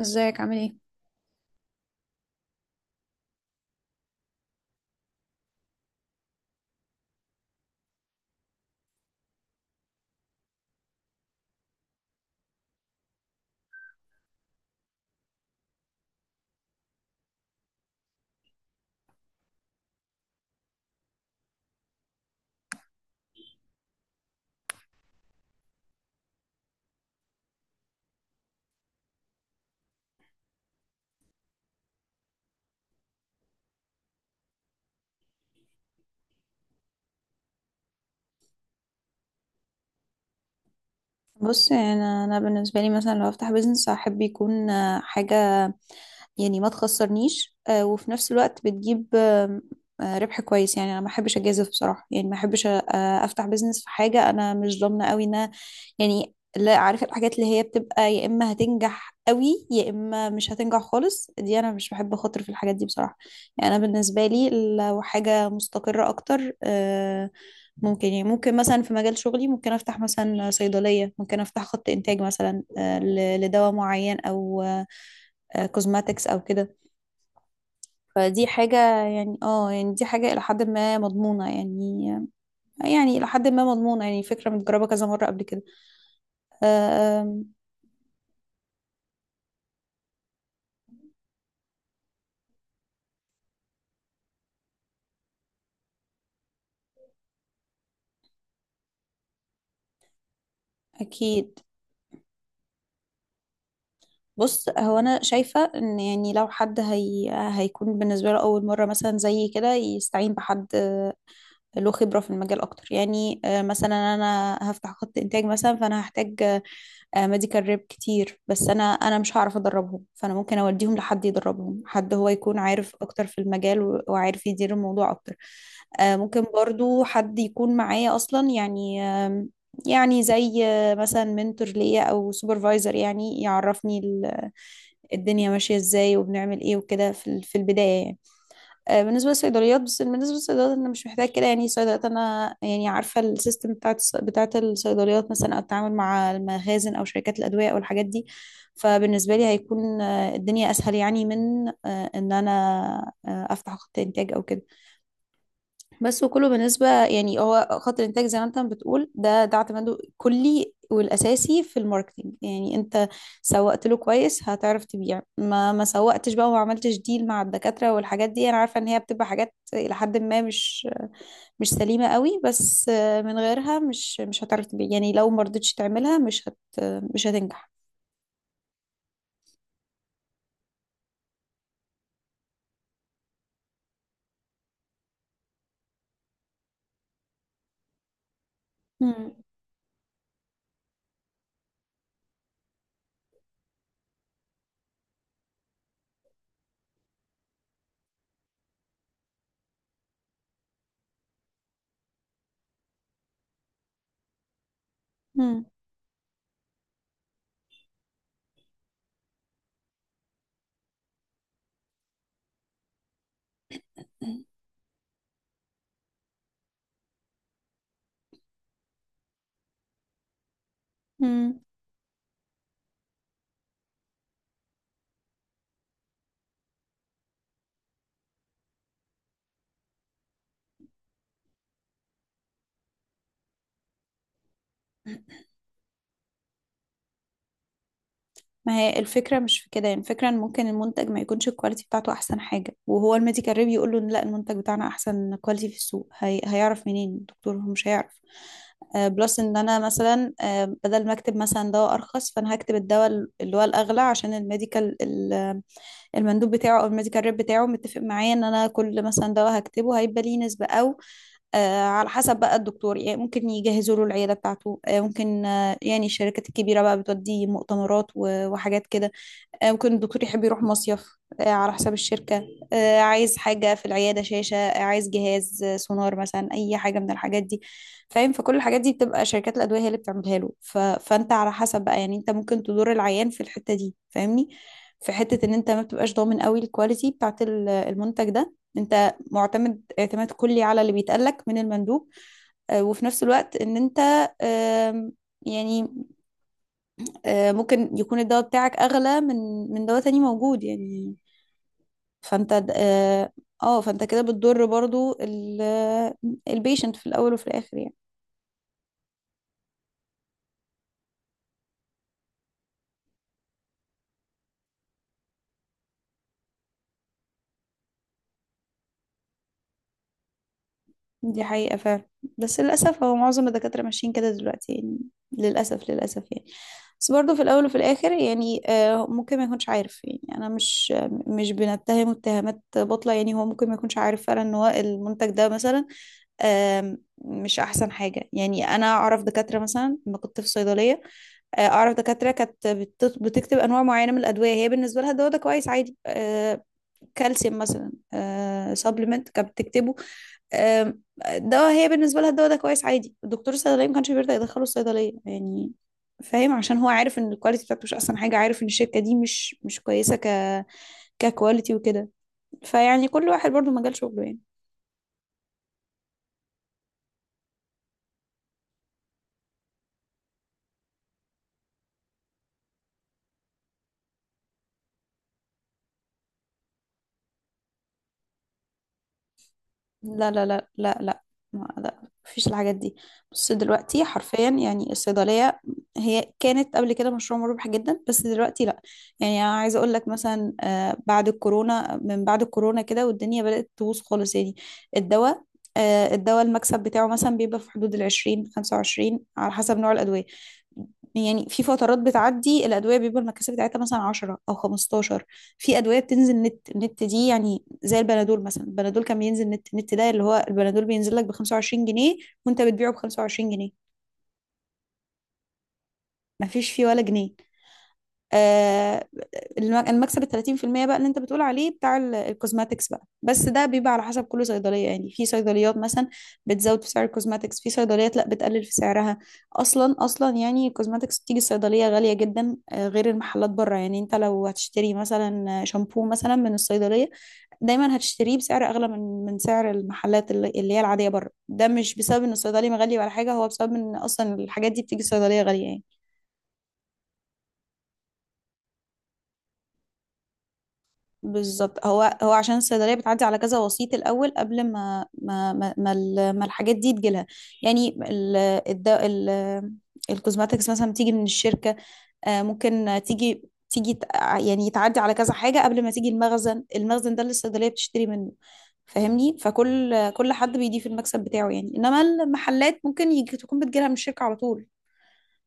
ازيك عامل ايه؟ بص يعني انا بالنسبه لي مثلا لو افتح بيزنس هحب يكون حاجه يعني ما تخسرنيش، وفي نفس الوقت بتجيب آم، آه، ربح كويس. يعني انا ما احبش اجازف بصراحه، يعني ما احبش افتح بيزنس في حاجه انا مش ضامنه قوي انها، يعني لا عارفه الحاجات اللي هي بتبقى يا اما هتنجح قوي يا اما مش هتنجح خالص، دي انا مش بحب اخاطر في الحاجات دي بصراحه. يعني انا بالنسبه لي لو حاجه مستقره اكتر، ممكن، يعني ممكن مثلا في مجال شغلي ممكن افتح مثلا صيدليه، ممكن افتح خط انتاج مثلا، لدواء معين، او كوزماتكس او كده. فدي حاجة، يعني اه يعني دي حاجة الى حد ما مضمونة يعني، يعني الى حد ما مضمونة، يعني فكرة متجربة كذا مرة قبل كده. آه، آم، اكيد. بص، هو انا شايفة ان يعني لو حد هي هيكون بالنسبة له اول مرة مثلا زي كده، يستعين بحد له خبرة في المجال أكتر. يعني مثلا أنا هفتح خط إنتاج مثلا، فأنا هحتاج ميديكال ريب كتير، بس أنا مش هعرف أدربهم، فأنا ممكن أوديهم لحد يدربهم، حد هو يكون عارف أكتر في المجال وعارف يدير الموضوع أكتر. ممكن برضو حد يكون معايا أصلا، يعني يعني زي مثلا منتور ليا أو سوبرفايزر، يعني يعرفني الدنيا ماشية إزاي وبنعمل إيه وكده في في البداية يعني. بالنسبة للصيدليات، بس بالنسبة للصيدليات أنا مش محتاج كده، يعني الصيدليات أنا يعني عارفة السيستم بتاعت الصيدليات مثلا، أو التعامل مع المخازن أو شركات الأدوية أو الحاجات دي. فبالنسبة لي هيكون الدنيا أسهل، يعني من إن أنا أفتح خط إنتاج أو كده. بس وكله بالنسبة، يعني هو خط الإنتاج زي ما أنت بتقول، ده اعتماده كلي والأساسي في الماركتينج، يعني أنت سوقت له كويس هتعرف تبيع، ما سوقتش بقى وما عملتش ديل مع الدكاترة والحاجات دي. أنا عارفة إن هي بتبقى حاجات إلى حد ما مش سليمة قوي، بس من غيرها مش هتعرف تبيع، يعني لو ما رضيتش تعملها مش هتنجح. مم. مم. مم. ما هي الفكرة مش في كده، يعني الفكرة ان ممكن المنتج ما يكونش الكواليتي بتاعته احسن حاجة، وهو الميديكال ريب يقول له إن لا المنتج بتاعنا احسن كواليتي في السوق. هي هيعرف منين الدكتور؟ هو مش هيعرف. بلس ان انا مثلا بدل ما اكتب مثلا دواء ارخص، فانا هكتب الدواء اللي هو الاغلى، عشان المندوب بتاعه او الميديكال ريب بتاعه متفق معايا ان انا كل مثلا دواء هكتبه هيبقى ليه نسبة، او على حسب بقى الدكتور. يعني ممكن يجهزوا له العيادة بتاعته، ممكن، يعني الشركات الكبيرة بقى بتودي مؤتمرات وحاجات كده. ممكن الدكتور يحب يروح مصيف على حساب الشركة. عايز حاجة في العيادة، شاشة، عايز جهاز، سونار مثلا، أي حاجة من الحاجات دي. فاهم؟ فكل الحاجات دي بتبقى شركات الأدوية هي اللي بتعملها له، ف... فأنت على حسب بقى. يعني أنت ممكن تدور العيان في الحتة دي، فاهمني؟ في حتة إن أنت ما بتبقاش ضامن قوي الكواليتي المنتج ده، أنت معتمد اعتماد كلي على اللي بيتقالك من المندوب. وفي نفس الوقت إن أنت آم، يعني ممكن يكون الدواء بتاعك اغلى من دواء تاني موجود يعني. اه فانت كده بتضر برضو البيشنت في الاول وفي الاخر يعني. دي حقيقة فعلا. بس للأسف هو معظم الدكاترة ماشيين كده دلوقتي يعني، للأسف، للأسف يعني. بس برضه في الأول وفي الآخر يعني، ممكن ما يكونش عارف. يعني أنا مش مش بنتهمه اتهامات باطلة، يعني هو ممكن ما يكونش عارف فعلا إن هو المنتج ده مثلا مش أحسن حاجة. يعني أنا أعرف دكاترة مثلا لما كنت في صيدلية، أعرف دكاترة كانت بتكتب أنواع معينة من الأدوية هي بالنسبة لها الدواء ده كويس عادي. كالسيوم مثلا، سبلمنت كانت بتكتبه. آم، دواء هي بالنسبة لها الدواء ده كويس عادي، الدكتور الصيدلية ما كانش بيرضى يدخله الصيدلية يعني. فاهم؟ عشان هو عارف ان الكواليتي بتاعته مش احسن حاجة، عارف ان الشركة دي مش كويسة ككواليتي وكده. فيعني كل واحد برضو مجال شغله يعني. لا لا لا لا لا لا مفيش الحاجات دي. بص دلوقتي حرفيا يعني الصيدلية هي كانت قبل كده مشروع مربح جدا، بس دلوقتي لا. يعني أنا عايزة أقول لك مثلا، بعد الكورونا، من بعد الكورونا كده والدنيا بدأت تبوظ خالص يعني. الدواء، الدواء المكسب بتاعه مثلا بيبقى في حدود العشرين، خمسة وعشرين على حسب نوع الأدوية. يعني في فترات بتعدي الأدوية بيبقى المكاسب بتاعتها مثلا عشرة أو خمستاشر. في أدوية بتنزل نت، النت دي يعني زي البنادول مثلا، البنادول كان بينزل نت نت، ده اللي هو البنادول بينزل لك ب 25 جنيه وانت بتبيعه ب 25 جنيه، ما فيش فيه ولا جنيه. آه، المكسب ال 30% بقى اللي انت بتقول عليه بتاع الكوزماتكس بقى، بس ده بيبقى على حسب كل صيدليه. يعني في صيدليات مثلا بتزود في سعر الكوزماتكس، في صيدليات لا بتقلل في سعرها. اصلا يعني الكوزماتكس بتيجي الصيدليه غاليه جدا، غير المحلات بره. يعني انت لو هتشتري مثلا شامبو مثلا من الصيدليه، دايما هتشتريه بسعر اغلى من سعر المحلات اللي هي العاديه بره. ده مش بسبب ان الصيدلي مغلي ولا حاجه، هو بسبب ان اصلا الحاجات دي بتيجي الصيدليه غاليه يعني. بالظبط، هو عشان الصيدليه بتعدي على كذا وسيط الاول قبل ما ما الحاجات دي تجيلها. يعني ال الدواء ال الكوزماتكس مثلا بتيجي من الشركه، ممكن تيجي، يعني تعدي على كذا حاجه قبل ما تيجي المخزن، المخزن ده اللي الصيدليه بتشتري منه. فاهمني؟ فكل حد بيضيف المكسب بتاعه يعني، انما المحلات ممكن يجي تكون بتجيلها من الشركه على طول.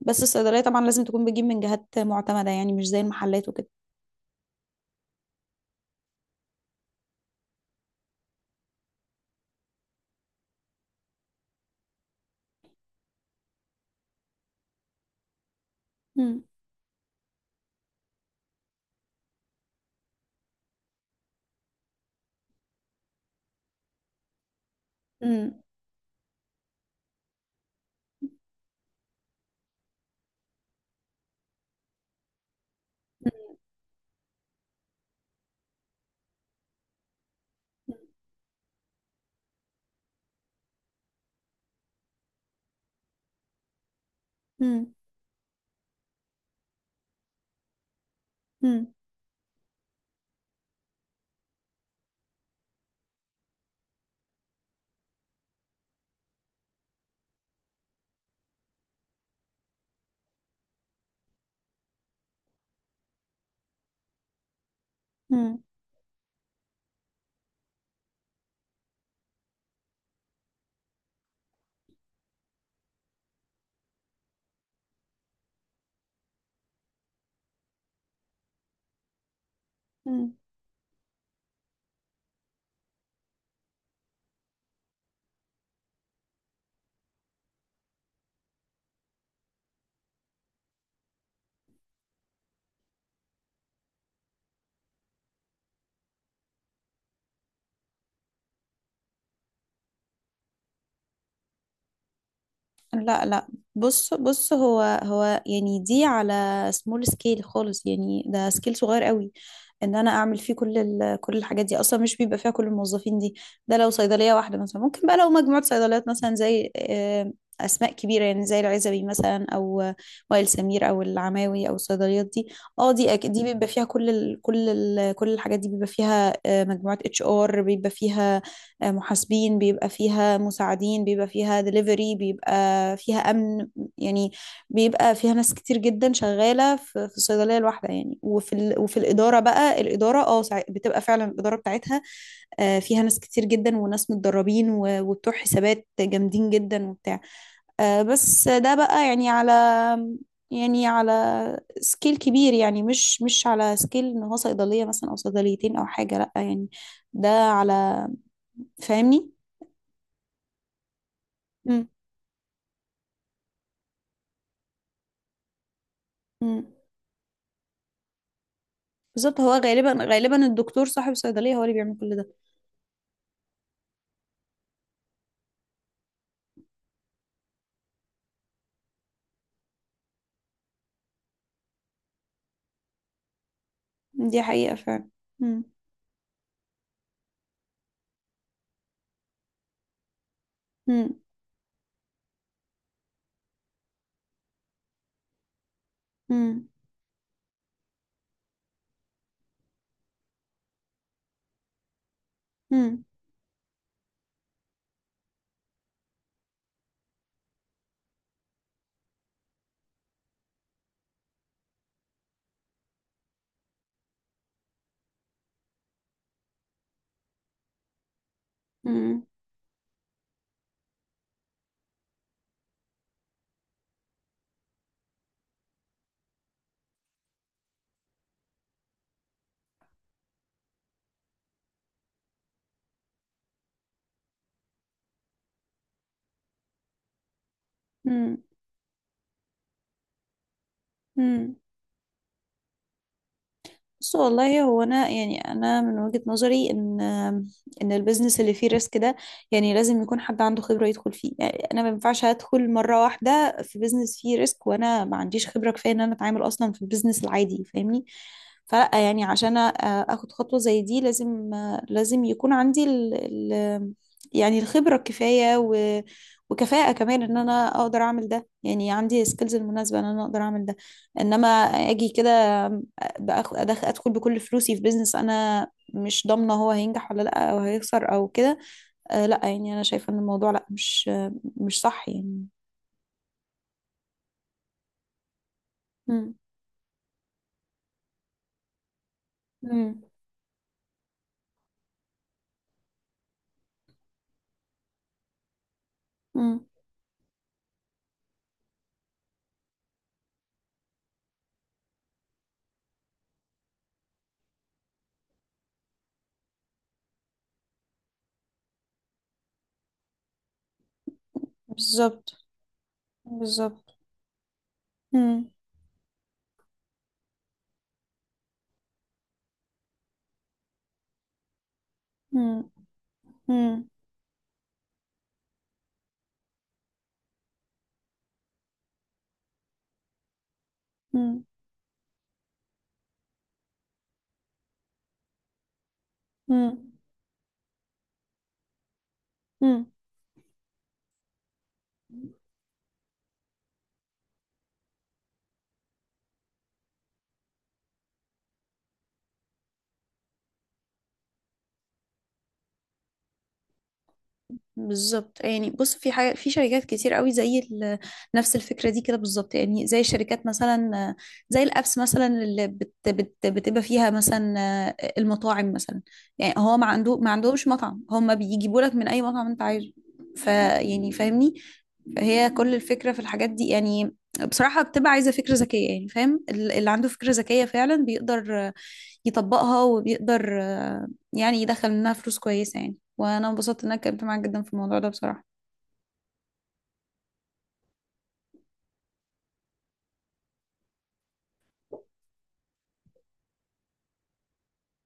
بس الصيدليه طبعا لازم تكون بتجيب من جهات معتمده، يعني مش زي المحلات وكده. امم. امم. مم. مم. مم. لا. بص، بص هو هو يعني دي على سمول سكيل خالص، يعني ده سكيل صغير قوي ان انا اعمل فيه كل الحاجات دي، اصلا مش بيبقى فيها كل الموظفين دي. ده لو صيدليه واحده مثلا. ممكن بقى لو مجموعه صيدليات، مثلا زي اسماء كبيره يعني زي العزبي مثلا، او وائل سمير او العماوي او الصيدليات دي. اه دي دي بيبقى فيها كل الحاجات دي، بيبقى فيها مجموعه اتش ار، بيبقى فيها محاسبين، بيبقى فيها مساعدين، بيبقى فيها دليفري، بيبقى فيها أمن. يعني بيبقى فيها ناس كتير جدا شغالة في الصيدلية الواحدة يعني. وفي الإدارة بقى، الإدارة، بتبقى فعلا الإدارة بتاعتها فيها ناس كتير جدا وناس متدربين وبتوع حسابات جامدين جدا وبتاع. بس ده بقى يعني على، يعني على سكيل كبير، يعني مش على سكيل ان هو صيدلية مثلا او صيدليتين او حاجة، لا يعني. ده على، فاهمني؟ مم. مم. بالظبط. هو غالبا الدكتور صاحب الصيدلية هو اللي بيعمل كل ده. دي حقيقة فعلا. مم. مم. مم. مم. مم. مم. بص والله، هو انا يعني انا من وجهة نظري ان البيزنس اللي فيه ريسك ده يعني لازم يكون حد عنده خبرة يدخل فيه. يعني انا ما ينفعش ادخل مرة واحدة في بيزنس فيه ريسك وانا ما عنديش خبرة كفاية ان انا اتعامل اصلا في البيزنس العادي. فاهمني؟ فلا، يعني عشان اخد خطوة زي دي لازم، لازم يكون عندي ال ال يعني الخبرة الكفاية، وكفاءة كمان ان انا اقدر اعمل ده، يعني عندي سكيلز المناسبة ان انا اقدر اعمل ده. انما اجي كده ادخل بكل فلوسي في بيزنس انا مش ضامنه هو هينجح ولا لا، او هيخسر او كده. آه لا، يعني انا شايفه ان الموضوع لا، مش صح يعني. مم. مم. مم. بالظبط. بالظبط. مم. مم. مم. مم. مم. مم. بالظبط. يعني بص، في حاجة، في شركات كتير قوي نفس الفكرة دي كده بالظبط، يعني زي الشركات مثلا، زي الأبس مثلا اللي بت بت بتبقى فيها مثلا المطاعم مثلا. يعني هو ما عندهمش مطعم، هم بيجيبوا لك من أي مطعم أنت عايزه. فيعني فاهمني؟ فهي كل الفكرة في الحاجات دي يعني، بصراحة بتبقى عايزة فكرة ذكية. يعني فاهم اللي عنده فكرة ذكية فعلا بيقدر يطبقها، وبيقدر يعني يدخل منها فلوس كويسة يعني. وأنا انبسطت إن أنا اتكلمت معاك جدا في الموضوع ده بصراحة.